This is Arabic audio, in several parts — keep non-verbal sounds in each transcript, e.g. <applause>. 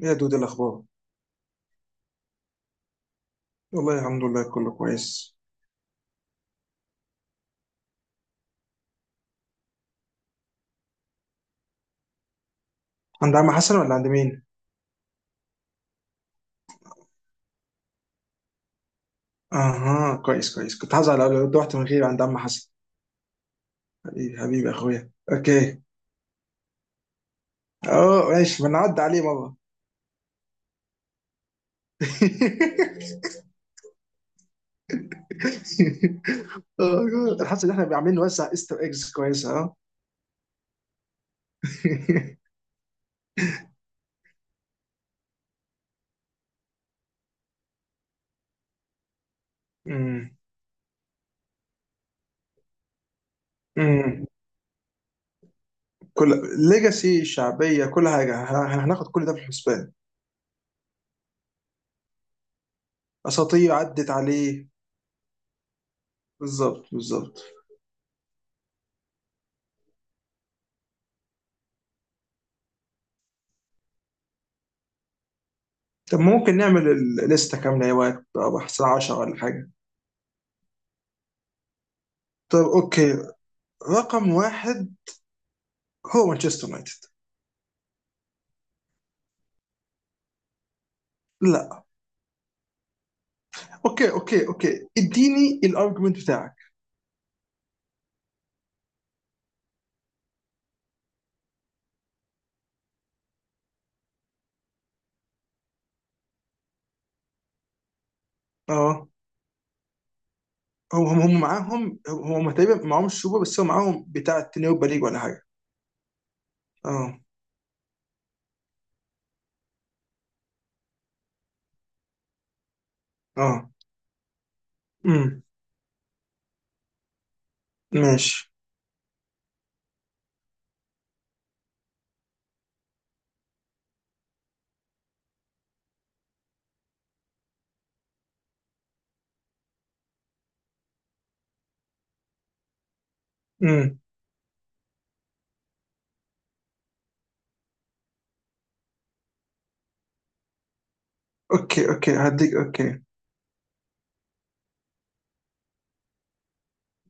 ايه يا دود، إيه الاخبار؟ والله الحمد لله، كله كويس. عند عم حسن ولا عند مين؟ اها، كويس كويس، كنت هزعل لو رحت من غير عند عم حسن. حبيبي حبيبي اخويا، اوكي. اه ماشي، ما نعدي عليه مره. <laughs> آه، الحاسه ان احنا عاملين نوزع ايستر ايجز كويسه، اه. <laughs> أمم، أمم. كل ليجاسي، شعبيه، كل حاجه، هناخد كل ده في الحسبان. اساطير عدت عليه. بالظبط بالظبط. طب ممكن نعمل الليستة كاملة يا وقت، بقى الساعة 10:00 ولا حاجة؟ طب اوكي، رقم واحد هو مانشستر يونايتد. لا. اوكي اوكي اوكي، اديني الارجيومنت بتاعك. اه. هم معاهم، هم تقريبا معاهم السوبر، بس هم معاهم بتاع التاني يوروبا ليج ولا حاجة. اه. اه. امم. ماشي. امم. اوكي اوكي، هديك اوكي.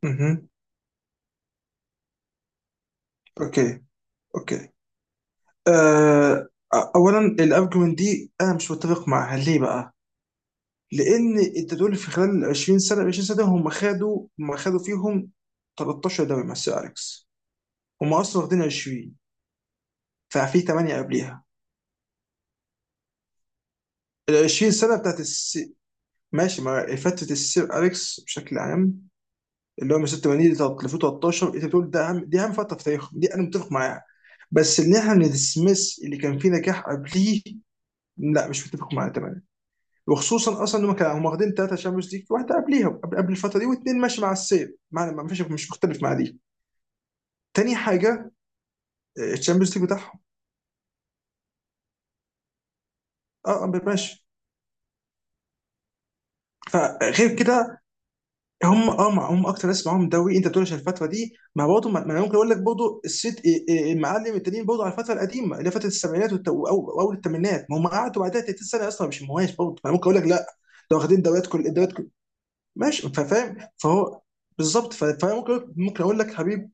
امم. اوكي اوكي. آه، اولا الارجيومنت دي انا مش متفق معها، ليه بقى؟ لان انت تقول في خلال 20 سنه، هم خدوا فيهم 13 دوري مع السير اليكس. هم اصلا واخدين 20، ففي 8 قبليها. ال 20 سنه ماشي مع فتره السير اليكس بشكل عام، اللي هو من 86 ل 2013. انت بتقول ده اهم، دي فتره في تاريخهم، دي انا متفق معاها. بس ان احنا ندسمس اللي كان فيه نجاح قبليه، لا مش متفق معاه تماما. وخصوصا اصلا ان هم كانوا واخدين ثلاثه شامبيونز ليج، واحده قبليها قبل الفتره دي، واثنين ماشي مع السير. معنى ما فيش مش مختلف مع دي. تاني حاجه، آه، الشامبيونز ليج بتاعهم. اه آه، ماشي. فغير كده، هم اكتر ناس معاهم دوري. انت بتقول عشان الفتره دي، ما برضه ما ما انا ممكن اقول لك برضه الست إيه المعلم التانيين برضه على الفتره القديمه اللي هي فتره السبعينات واول الثمانينات. ما هم قعدوا بعدها 30 سنه اصلا مش مهواش، برضه انا ممكن اقول لك لا. لو واخدين دوريات، كل الدوريات، كل ماشي، فاهم فهو. بالظبط، فانا ممكن اقول لك حبيب.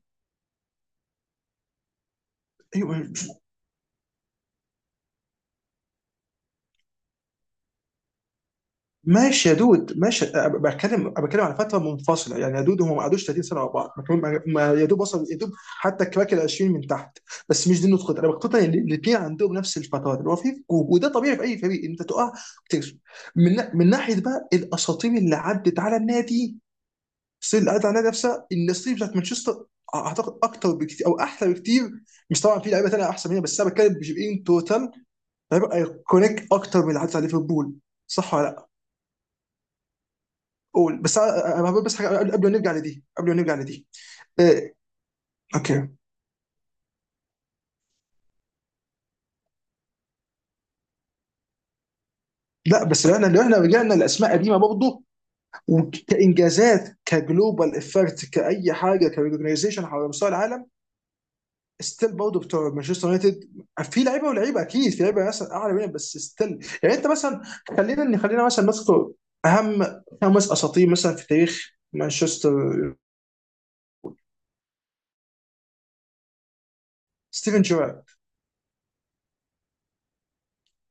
ايوه. ماشي يا دود ماشي. بتكلم على فتره منفصله يعني يا دود، هم ما قعدوش 30 سنه ورا بعض، ما كانوا- ما- ما- يا دوب وصل يا دوب. حتى كراك ال 20 من تحت. بس مش دي النقطه، انا بقتنع ان الاثنين عندهم نفس الفترات، اللي هو في فجوه. وده طبيعي في اي فريق، انت تقع، بتكسب. من من ناحيه بقى الاساطير اللي عدت على النادي، الاساطير اللي عدت على النادي نفسها، إن الاساطير بتاعت مانشستر، اعتقد اكتر بكتير او احلى بكتير. مش طبعا في لعيبه ثانيه احسن منها، بس انا بتكلم بجيب ان توتال لعيبه ايكونيك اكتر من اللي عدت على ليفربول، صح ولا؟ قول، بس انا هقول بس حاجه، قبل ما نرجع لدي، قبل ما نرجع لدي. إيه. اوكي. لا، بس لو احنا رجعنا لاسماء قديمه برضه، وكانجازات، كجلوبال افكت، كاي حاجه، كريجنايزيشن على مستوى العالم، ستيل برضه بتوع مانشستر يونايتد. في لعيبه ولعيبه اكيد، في لعيبه مثلا اعلى منهم، بس ستيل يعني انت مثلا، خلينا مثلا نذكر اهم خمس اساطير مثلا في تاريخ مانشستر. ستيفن جيرارد،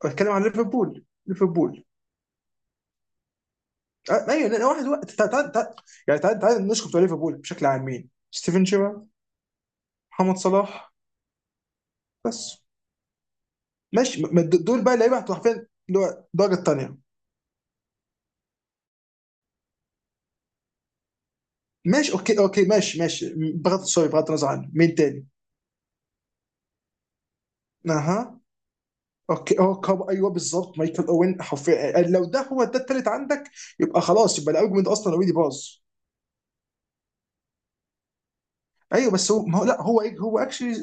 بتكلم عن ليفربول ليفربول. آه، ايوه، لان واحد واحد يعني تعال تعال نشكر بتوع ليفربول بشكل عام، مين؟ ستيفن شيرر، محمد صلاح، بس. ماشي، دول بقى اللعيبه هتبقى حرفيا اللي هو الدرجه الثانيه. ماشي اوكي اوكي ماشي ماشي، بغض النظر عنه، مين تاني؟ اها. اوكي، اه كاب، ايوه بالظبط، مايكل اوين حرفيا، آه، لو ده هو ده التالت عندك، يبقى خلاص، يبقى الارجيومنت اصلا اوريدي باظ. ايوه بس هو ما هو لا هو هو اكشلي،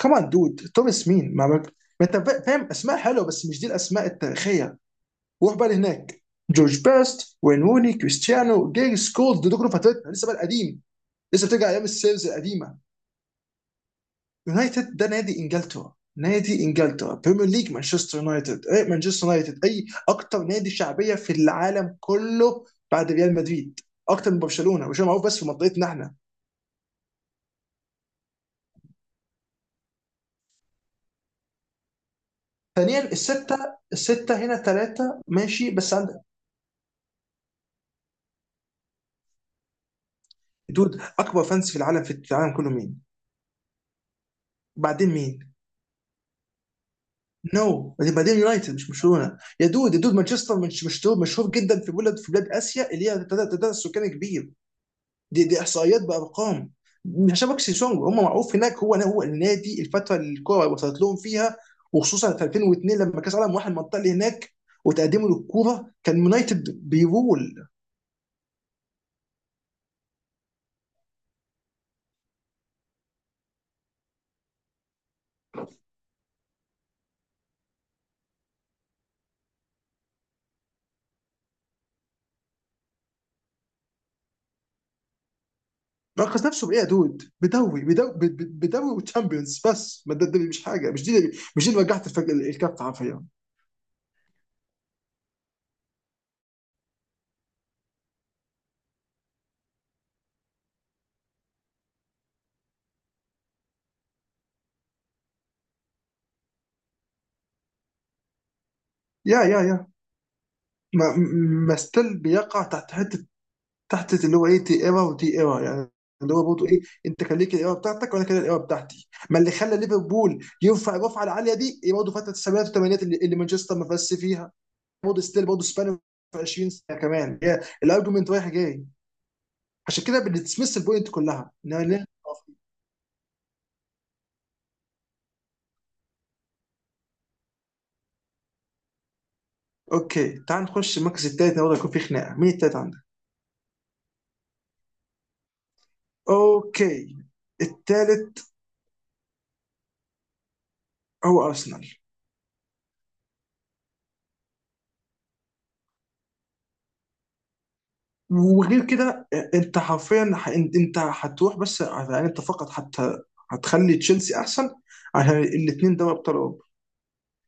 كمان دود توماس، مين ما ما. ما انت فاهم اسماء حلوه بس مش دي الاسماء التاريخيه. روح بقى لهناك، جورج بيست، وين روني، كريستيانو، جيرس كولد، دول كلهم فترتنا لسه، بقى القديم لسه بترجع ايام السيلز القديمه. يونايتد ده نادي انجلترا، نادي انجلترا بريمير ليج، مانشستر يونايتد اي، مانشستر يونايتد اي اكتر نادي شعبيه في العالم كله بعد ريال مدريد. اكتر من برشلونه، برشلونه معروف بس في منطقتنا احنا. ثانيا، السته، السته هنا ثلاثه ماشي بس عندك. دود، اكبر فانس في العالم، في العالم كله، مين؟ بعدين مين؟ نو no. بعدين يونايتد مش برشلونه، يا دود يا دود، مانشستر مش مشهور مشهور جدا في بلاد اسيا، اللي هي تعداد السكان كبير. دي احصائيات بارقام، مش عشان بكسي سونج هم معروف هناك. هو النادي الفتره اللي الكوره وصلت لهم فيها، وخصوصا في 2002 لما كاس العالم واحد المنطقه اللي هناك، وتقدمه للكوره كان يونايتد بيرول. ركز نفسه بايه يا دود؟ بدوري وتشامبيونز، بس ما ده مش حاجه، مش دي اللي وجعت الكف حرفيا. يا، ما ما ستيل بيقع تحت حته، تحت اللي هو ايه، دي ايرا ودي ايرا يعني، اللي هو برضه ايه، انت كان ليك الايرا بتاعتك وانا كان الايرا بتاعتي. ما اللي خلى ليفربول يرفع الرفعه العاليه دي إيه؟ برضه فتره السبعينات والثمانينات اللي مانشستر ما فازش فيها، برضه ستيل برضه سبان في 20 سنه كمان. هي الارجيومنت رايح جاي، عشان كده بنسمس البوينت كلها، انما ليه؟ اوكي تعال نخش المركز الثالث، برضه يكون في خناقه. مين الثالث عندك؟ اوكي، الثالث هو ارسنال. وغير كده آه، انت حرفيا، انت هتروح، بس يعني انت فقط حتى هتخلي تشيلسي احسن، عشان الاثنين دوري ابطال اوروبا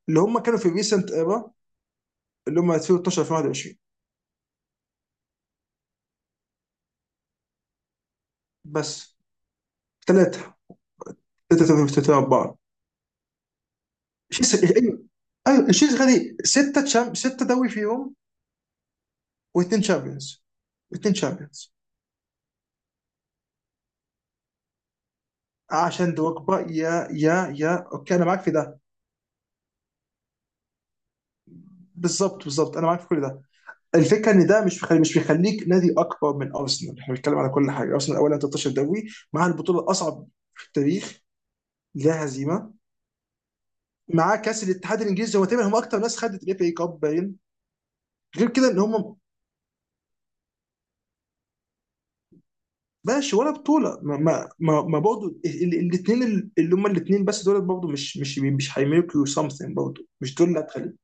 اللي هم كانوا في ريسنت ايرا، اللي هم 2012 2021. بس، ثلاثه ثلاثه اربعه تشيلسي ايوه، ايوه، تشيلسي خدي سته سته دوري فيهم، واثنين تشامبيونز. واثنين تشامبيونز عشان دوكبا. يا، اوكي، انا معاك في ده. بالظبط بالظبط، انا معاك في كل ده. الفكره ان ده مش بيخليك نادي اكبر من ارسنال، احنا بنتكلم على كل حاجه. ارسنال اولا 13 دوري مع البطوله الاصعب في التاريخ، لا هزيمه، مع كاس الاتحاد الانجليزي، هو تقريبا هم اكتر ناس خدت الاف اي كاب باين. غير كده ان هم، ماشي ولا بطوله. ما برضه الاثنين اللي هم الاثنين بس، دول برضه مش هيميلكوا سمثينج، برضه مش دول اللي هتخليك.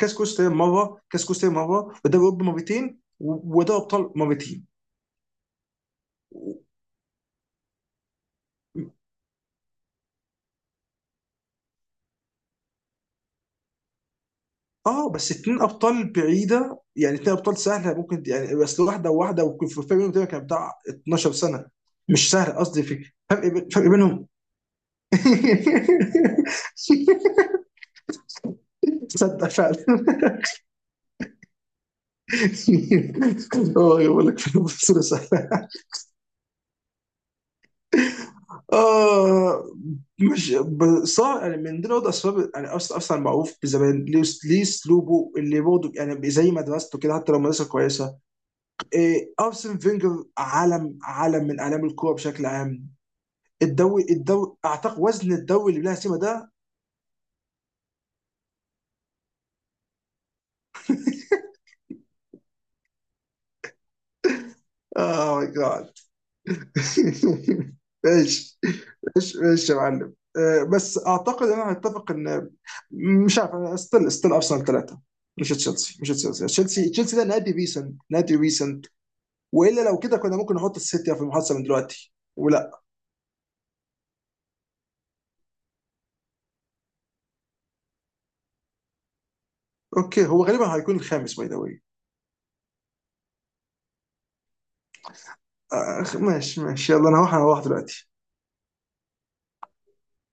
كاس كوستا مره، ودوري اوروبا مرتين، ودوري ابطال مرتين. اه، بس اتنين ابطال بعيده يعني، اتنين ابطال سهله ممكن يعني، بس واحده وواحده، ويكون في فرق بينهم تقريبا كان بتاع 12 سنه. مش سهل قصدي في فرق فرق بينهم. <laughs> تصدق فعلا. <laughs> اه، يقول لك في بصوره سهله. اه. مش صار يعني من دي برضه اسباب، يعني اصلا معروف بزمان ليه، اسلوبه اللي برضه يعني زي مدرسته كده، حتى لو مدرسه كويسه. إيه، ارسن فينجر عالم، عالم من اعلام الكوره بشكل عام. الدوري اعتقد وزن الدوري اللي بلا سيما ده. اه ماي جاد. <laughs> ايش، ايش ايش، <laughs> يا معلم، آه، بس اعتقد انا هتفق ان، مش عارف، انا ستيل ارسنال ثلاثه مش تشيلسي. تشيلسي ده نادي ريسنت، والا لو كده كنا ممكن نحط السيتي في المحادثه من دلوقتي ولا. اوكي هو غالبا هيكون الخامس باي ذا واي. آه، ماشي ماشي، يلا انا هروح، دلوقتي.